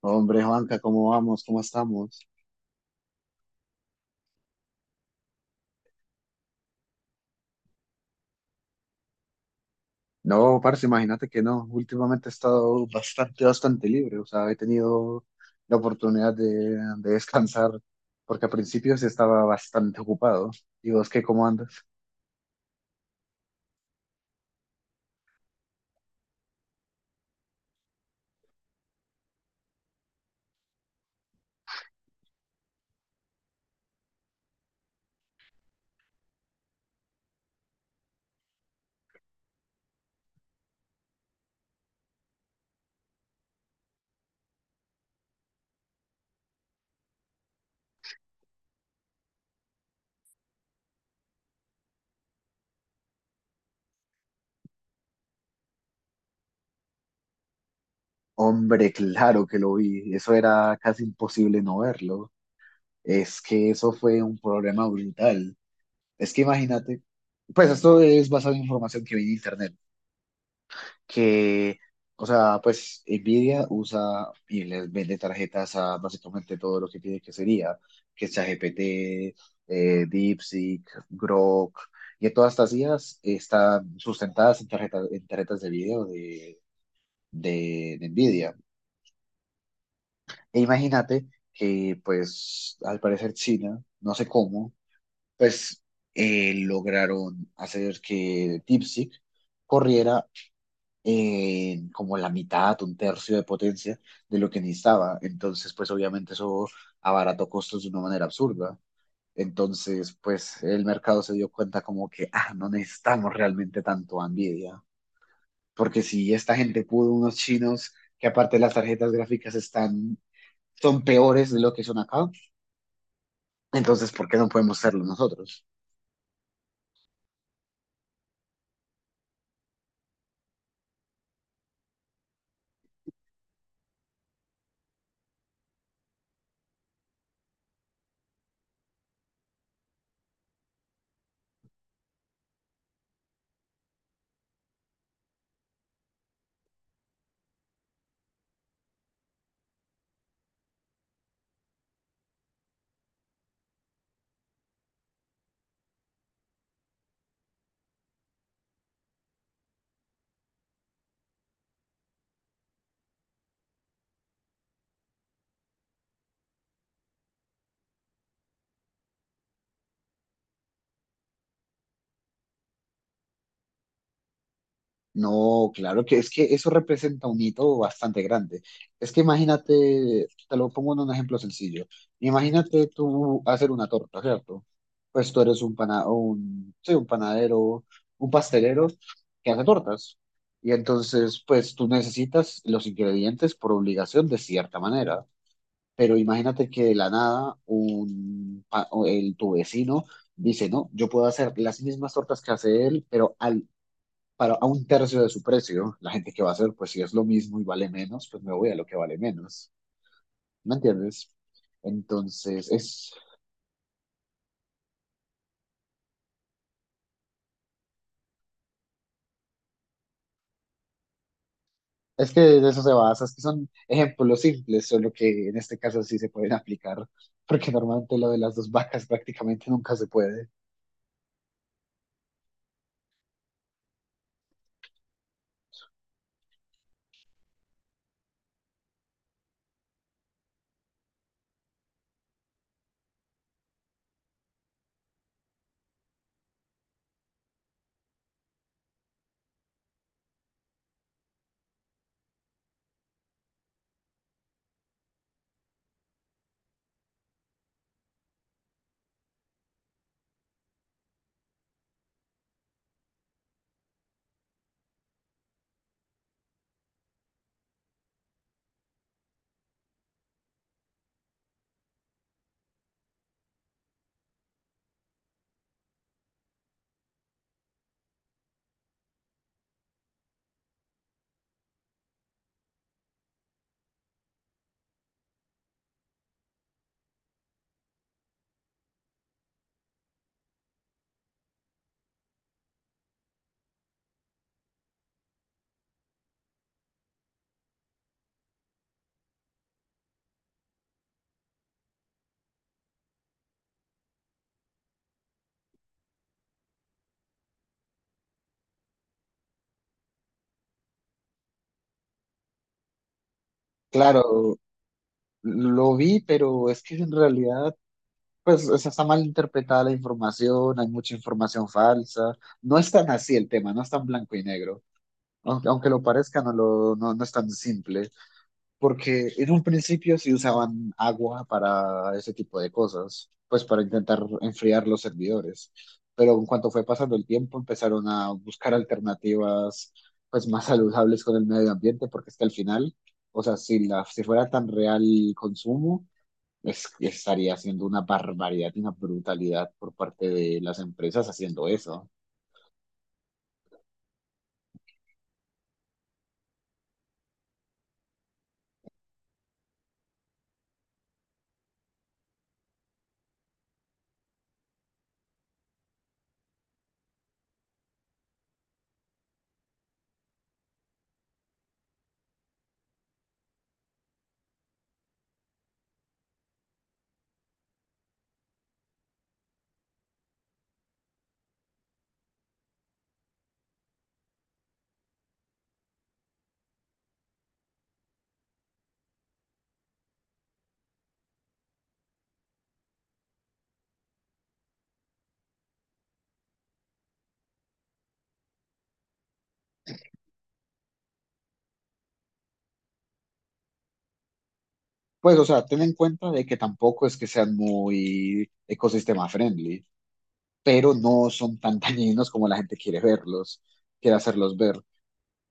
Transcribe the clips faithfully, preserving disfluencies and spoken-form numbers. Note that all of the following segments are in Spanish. Hombre, Juanca, ¿cómo vamos? ¿Cómo estamos? No, parce, imagínate que no. Últimamente he estado bastante, bastante libre. O sea, he tenido la oportunidad de, de descansar porque al principio sí estaba bastante ocupado. ¿Y vos qué, cómo andas? Hombre, claro que lo vi. Eso era casi imposible no verlo. Es que eso fue un problema brutal. Es que imagínate, pues esto es basado en información que vi en internet. que, o sea, pues Nvidia usa y les vende tarjetas a básicamente todo lo que tiene que sería, que ChatGPT, eh, DeepSeek, Grok, y todas estas I As están sustentadas en tarjetas, en tarjetas de video de, de, de Nvidia. E imagínate que, pues, al parecer China, no sé cómo, pues eh, lograron hacer que DeepSeek corriera en como la mitad, un tercio de potencia de lo que necesitaba. Entonces, pues obviamente eso abarató costos de una manera absurda. Entonces, pues el mercado se dio cuenta como que, ah, no necesitamos realmente tanto a Nvidia, porque si esta gente pudo, unos chinos, que aparte las tarjetas gráficas están, son peores de lo que son acá, entonces, ¿por qué no podemos serlo nosotros? No, claro que es que eso representa un hito bastante grande. Es que imagínate, te lo pongo en un ejemplo sencillo. Imagínate tú hacer una torta, ¿cierto? Pues tú eres un pana, un, sí, un panadero, un pastelero que hace tortas. Y entonces, pues tú necesitas los ingredientes por obligación de cierta manera. Pero imagínate que de la nada un, pa- o el, tu vecino dice, no, yo puedo hacer las mismas tortas que hace él, pero al para a un tercio de su precio. La gente que va a hacer, pues si es lo mismo y vale menos, pues me voy a lo que vale menos. ¿Me entiendes? Entonces, es, es que de eso se basa, es que son ejemplos simples, solo que en este caso sí se pueden aplicar, porque normalmente lo de las dos vacas prácticamente nunca se puede. Claro, lo vi, pero es que en realidad, pues o sea, está mal interpretada la información, hay mucha información falsa, no es tan así el tema, no es tan blanco y negro, aunque, aunque lo parezca, no, lo, no, no es tan simple. Porque en un principio sí usaban agua para ese tipo de cosas, pues para intentar enfriar los servidores, pero en cuanto fue pasando el tiempo empezaron a buscar alternativas pues más saludables con el medio ambiente, porque es que al final, o sea, si, la, si fuera tan real el consumo, es, estaría haciendo una barbaridad y una brutalidad por parte de las empresas haciendo eso. Pues, o sea, ten en cuenta de que tampoco es que sean muy ecosistema friendly, pero no son tan dañinos como la gente quiere verlos, quiere hacerlos ver.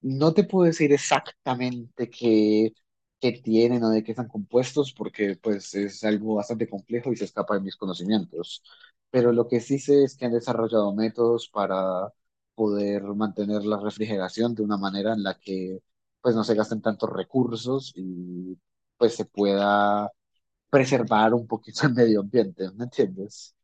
No te puedo decir exactamente qué, qué tienen o de qué están compuestos, porque pues es algo bastante complejo y se escapa de mis conocimientos. Pero lo que sí sé es que han desarrollado métodos para poder mantener la refrigeración de una manera en la que pues no se gasten tantos recursos y pues se pueda preservar un poquito el medio ambiente, ¿me entiendes?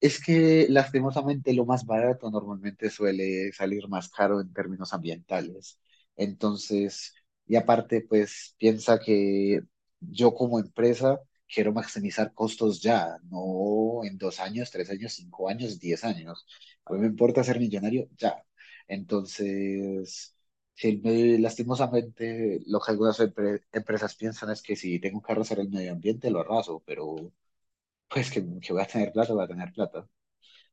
Es que lastimosamente lo más barato normalmente suele salir más caro en términos ambientales. Entonces, y aparte, pues piensa que yo como empresa quiero maximizar costos ya, no en dos años, tres años, cinco años, diez años. A mí me importa ser millonario ya. Entonces, si me- lastimosamente lo que algunas empre- empresas piensan es que si tengo que arrasar el medio ambiente, lo arraso, pero pues que, que voy a tener plata, voy a tener plata.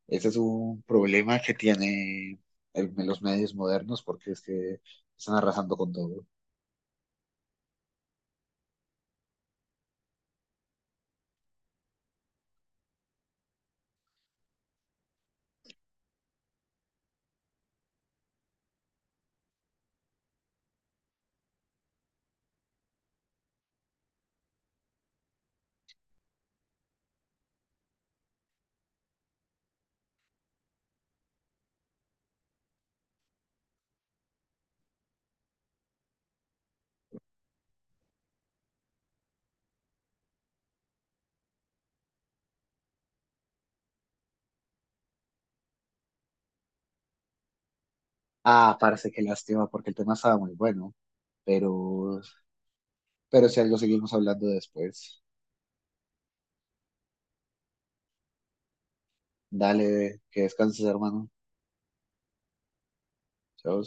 Ese es un problema que tiene el- los medios modernos porque es que están arrasando con todo. Ah, parece que lástima porque el tema estaba muy bueno, pero, pero si algo seguimos hablando después. Dale, que descanses, hermano. Chao.